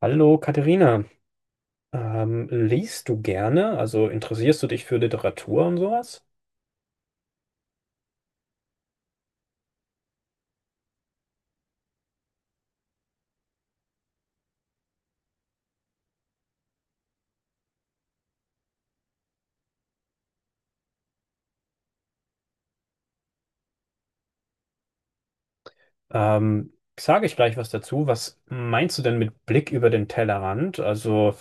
Hallo Katharina, liest du gerne? Also interessierst du dich für Literatur und sowas? Ähm, Sage ich gleich was dazu. Was meinst du denn mit Blick über den Tellerrand? Also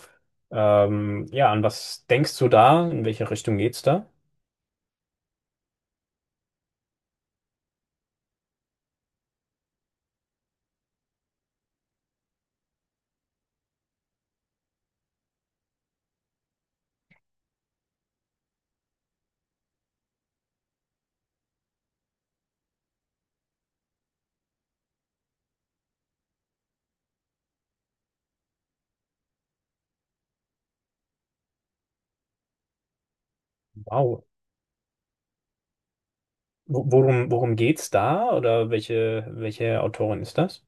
ja, an was denkst du da? In welche Richtung geht's da? Wow. Worum geht's da? Oder welche Autorin ist das?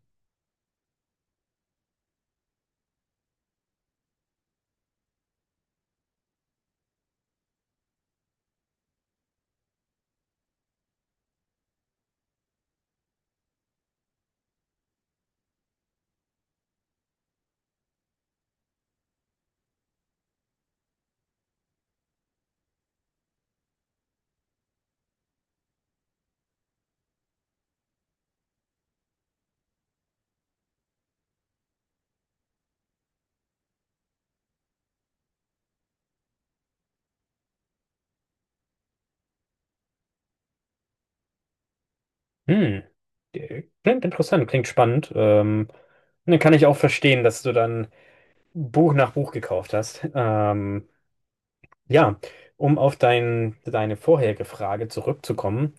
Hm. Klingt interessant, klingt spannend. Dann kann ich auch verstehen, dass du dann Buch nach Buch gekauft hast. Ja, um auf deine vorherige Frage zurückzukommen.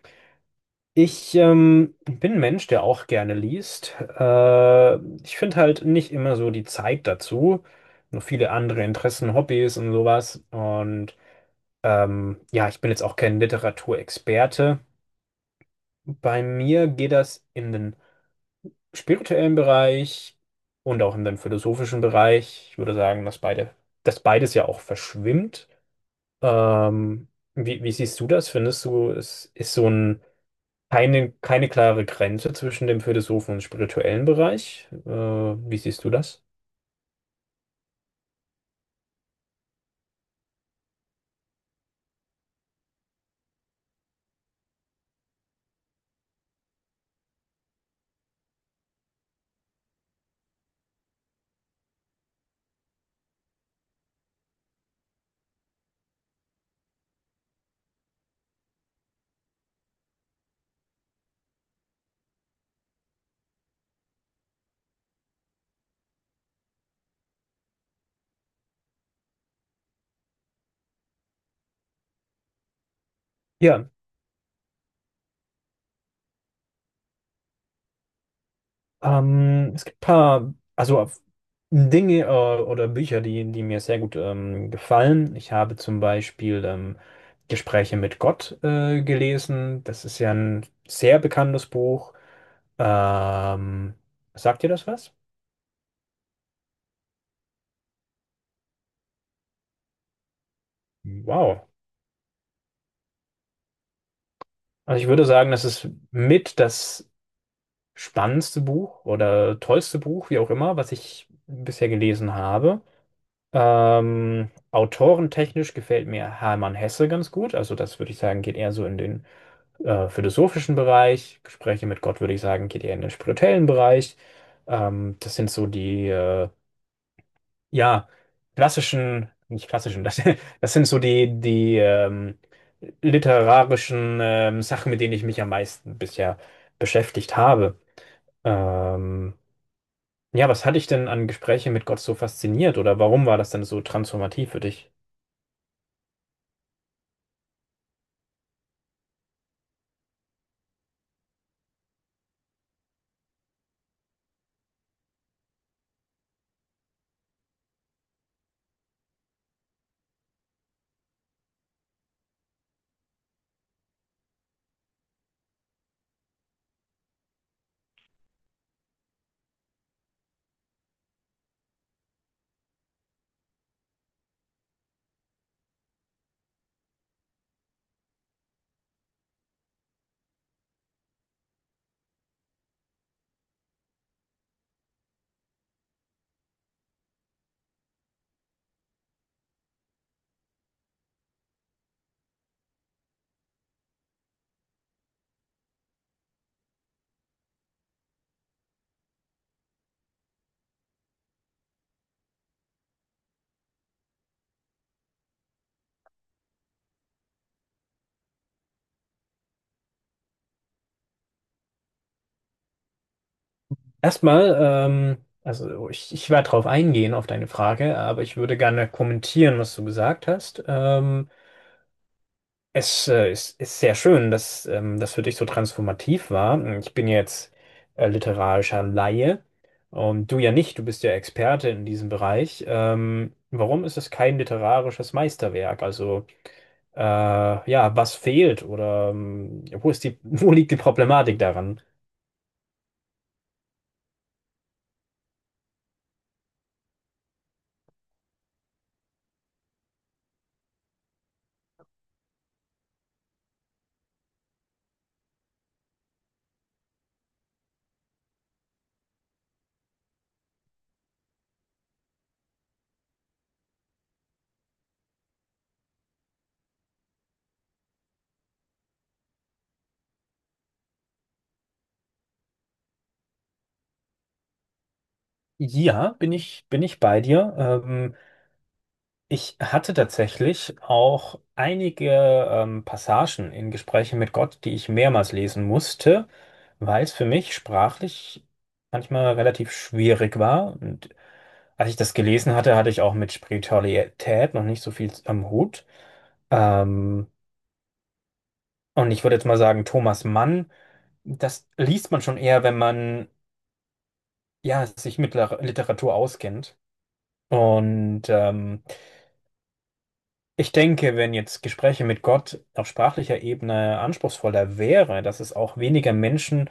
Ich bin ein Mensch, der auch gerne liest. Ich finde halt nicht immer so die Zeit dazu. Nur viele andere Interessen, Hobbys und sowas. Und ja, ich bin jetzt auch kein Literaturexperte. Bei mir geht das in den spirituellen Bereich und auch in den philosophischen Bereich. Ich würde sagen, dass beides ja auch verschwimmt. Ähm, wie siehst du das? Findest du, es ist so ein, keine, keine klare Grenze zwischen dem Philosophen und spirituellen Bereich? Wie siehst du das? Ja, es gibt ein paar, also Dinge oder Bücher, die mir sehr gut gefallen. Ich habe zum Beispiel Gespräche mit Gott gelesen. Das ist ja ein sehr bekanntes Buch. Ähm, Sagt dir das was? Wow. Also ich würde sagen, das ist mit das spannendste Buch oder tollste Buch, wie auch immer, was ich bisher gelesen habe. Autorentechnisch gefällt mir Hermann Hesse ganz gut. Also das würde ich sagen, geht eher so in den philosophischen Bereich. Gespräche mit Gott würde ich sagen, geht eher in den spirituellen Bereich. Das sind so ja, klassischen, nicht klassischen, das, das sind so die literarischen Sachen, mit denen ich mich am meisten bisher beschäftigt habe. Ähm, ja, was hat dich denn an Gesprächen mit Gott so fasziniert oder warum war das denn so transformativ für dich? Erstmal, ich werde darauf eingehen, auf deine Frage, aber ich würde gerne kommentieren, was du gesagt hast. Ist sehr schön, dass das für dich so transformativ war. Ich bin ja jetzt literarischer Laie und du ja nicht, du bist ja Experte in diesem Bereich. Warum ist es kein literarisches Meisterwerk? Also äh, ja, was fehlt oder wo ist die, wo liegt die Problematik daran? Ja, bin ich bei dir. Ich hatte tatsächlich auch einige Passagen in Gesprächen mit Gott, die ich mehrmals lesen musste, weil es für mich sprachlich manchmal relativ schwierig war. Und als ich das gelesen hatte, hatte ich auch mit Spiritualität noch nicht so viel am Hut. Ähm, und ich würde jetzt mal sagen, Thomas Mann das liest man schon eher, wenn man ja, sich mit Literatur auskennt. Und ich denke, wenn jetzt Gespräche mit Gott auf sprachlicher Ebene anspruchsvoller wäre, dass es auch weniger Menschen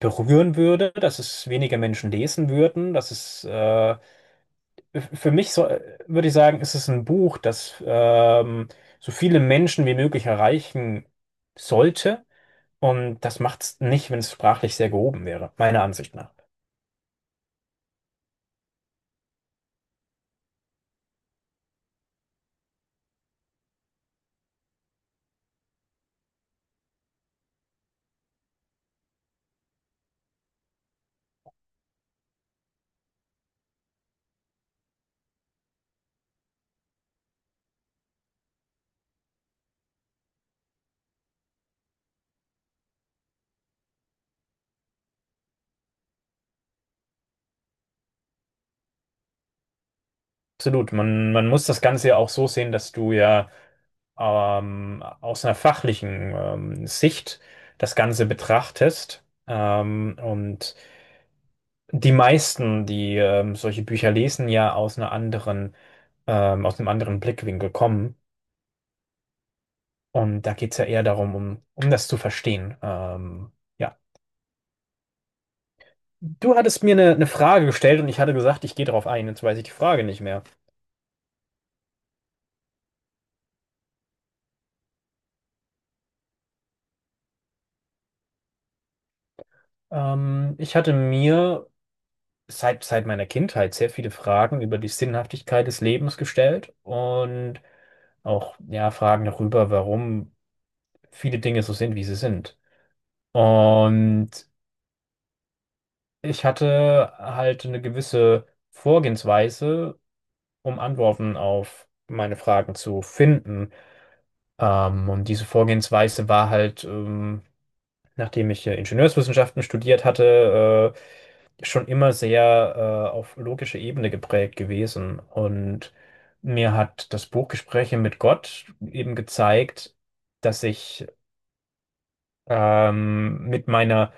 berühren würde, dass es weniger Menschen lesen würden, dass es für mich so, würde ich sagen, ist es ein Buch, das so viele Menschen wie möglich erreichen sollte. Und das macht es nicht, wenn es sprachlich sehr gehoben wäre, meiner Ansicht nach. Absolut. Man muss das Ganze ja auch so sehen, dass du ja aus einer fachlichen Sicht das Ganze betrachtest. Und die meisten, die solche Bücher lesen, ja aus einer anderen, aus einem anderen Blickwinkel kommen. Und da geht es ja eher darum, um das zu verstehen. Ja. Du hattest mir eine Frage gestellt und ich hatte gesagt, ich gehe darauf ein. Jetzt weiß ich die Frage nicht mehr. Ich hatte mir seit meiner Kindheit sehr viele Fragen über die Sinnhaftigkeit des Lebens gestellt und auch ja, Fragen darüber, warum viele Dinge so sind, wie sie sind. Und ich hatte halt eine gewisse Vorgehensweise, um Antworten auf meine Fragen zu finden. Und diese Vorgehensweise war halt, nachdem ich Ingenieurswissenschaften studiert hatte, schon immer sehr auf logische Ebene geprägt gewesen. Und mir hat das Buch Gespräche mit Gott eben gezeigt, dass ich mit meiner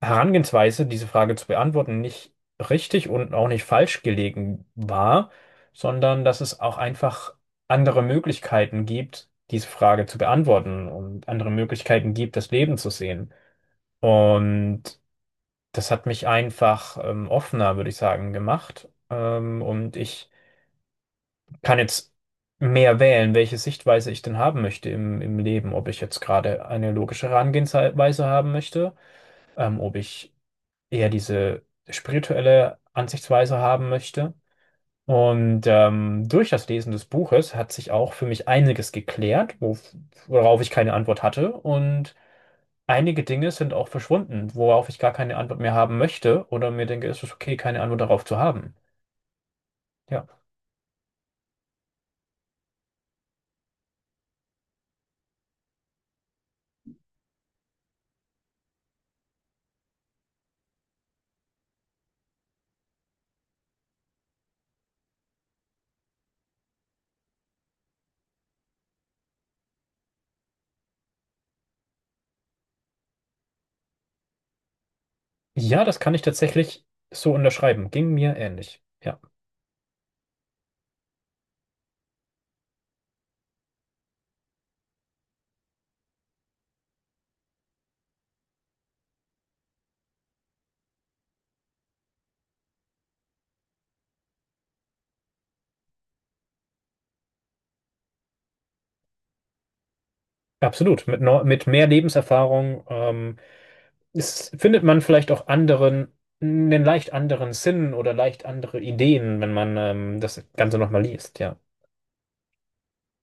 Herangehensweise, diese Frage zu beantworten, nicht richtig und auch nicht falsch gelegen war, sondern dass es auch einfach andere Möglichkeiten gibt, diese Frage zu beantworten und andere Möglichkeiten gibt, das Leben zu sehen. Und das hat mich einfach offener, würde ich sagen, gemacht. Und ich kann jetzt mehr wählen, welche Sichtweise ich denn haben möchte im Leben. Ob ich jetzt gerade eine logische Herangehensweise haben möchte, ob ich eher diese spirituelle Ansichtsweise haben möchte. Und durch das Lesen des Buches hat sich auch für mich einiges geklärt, worauf ich keine Antwort hatte. Und einige Dinge sind auch verschwunden, worauf ich gar keine Antwort mehr haben möchte oder mir denke, es ist okay, keine Antwort darauf zu haben. Ja. Ja, das kann ich tatsächlich so unterschreiben. Ging mir ähnlich. Ja, absolut. Mit mehr Lebenserfahrung findet man vielleicht auch anderen, einen leicht anderen Sinn oder leicht andere Ideen, wenn man das Ganze nochmal liest. Ja.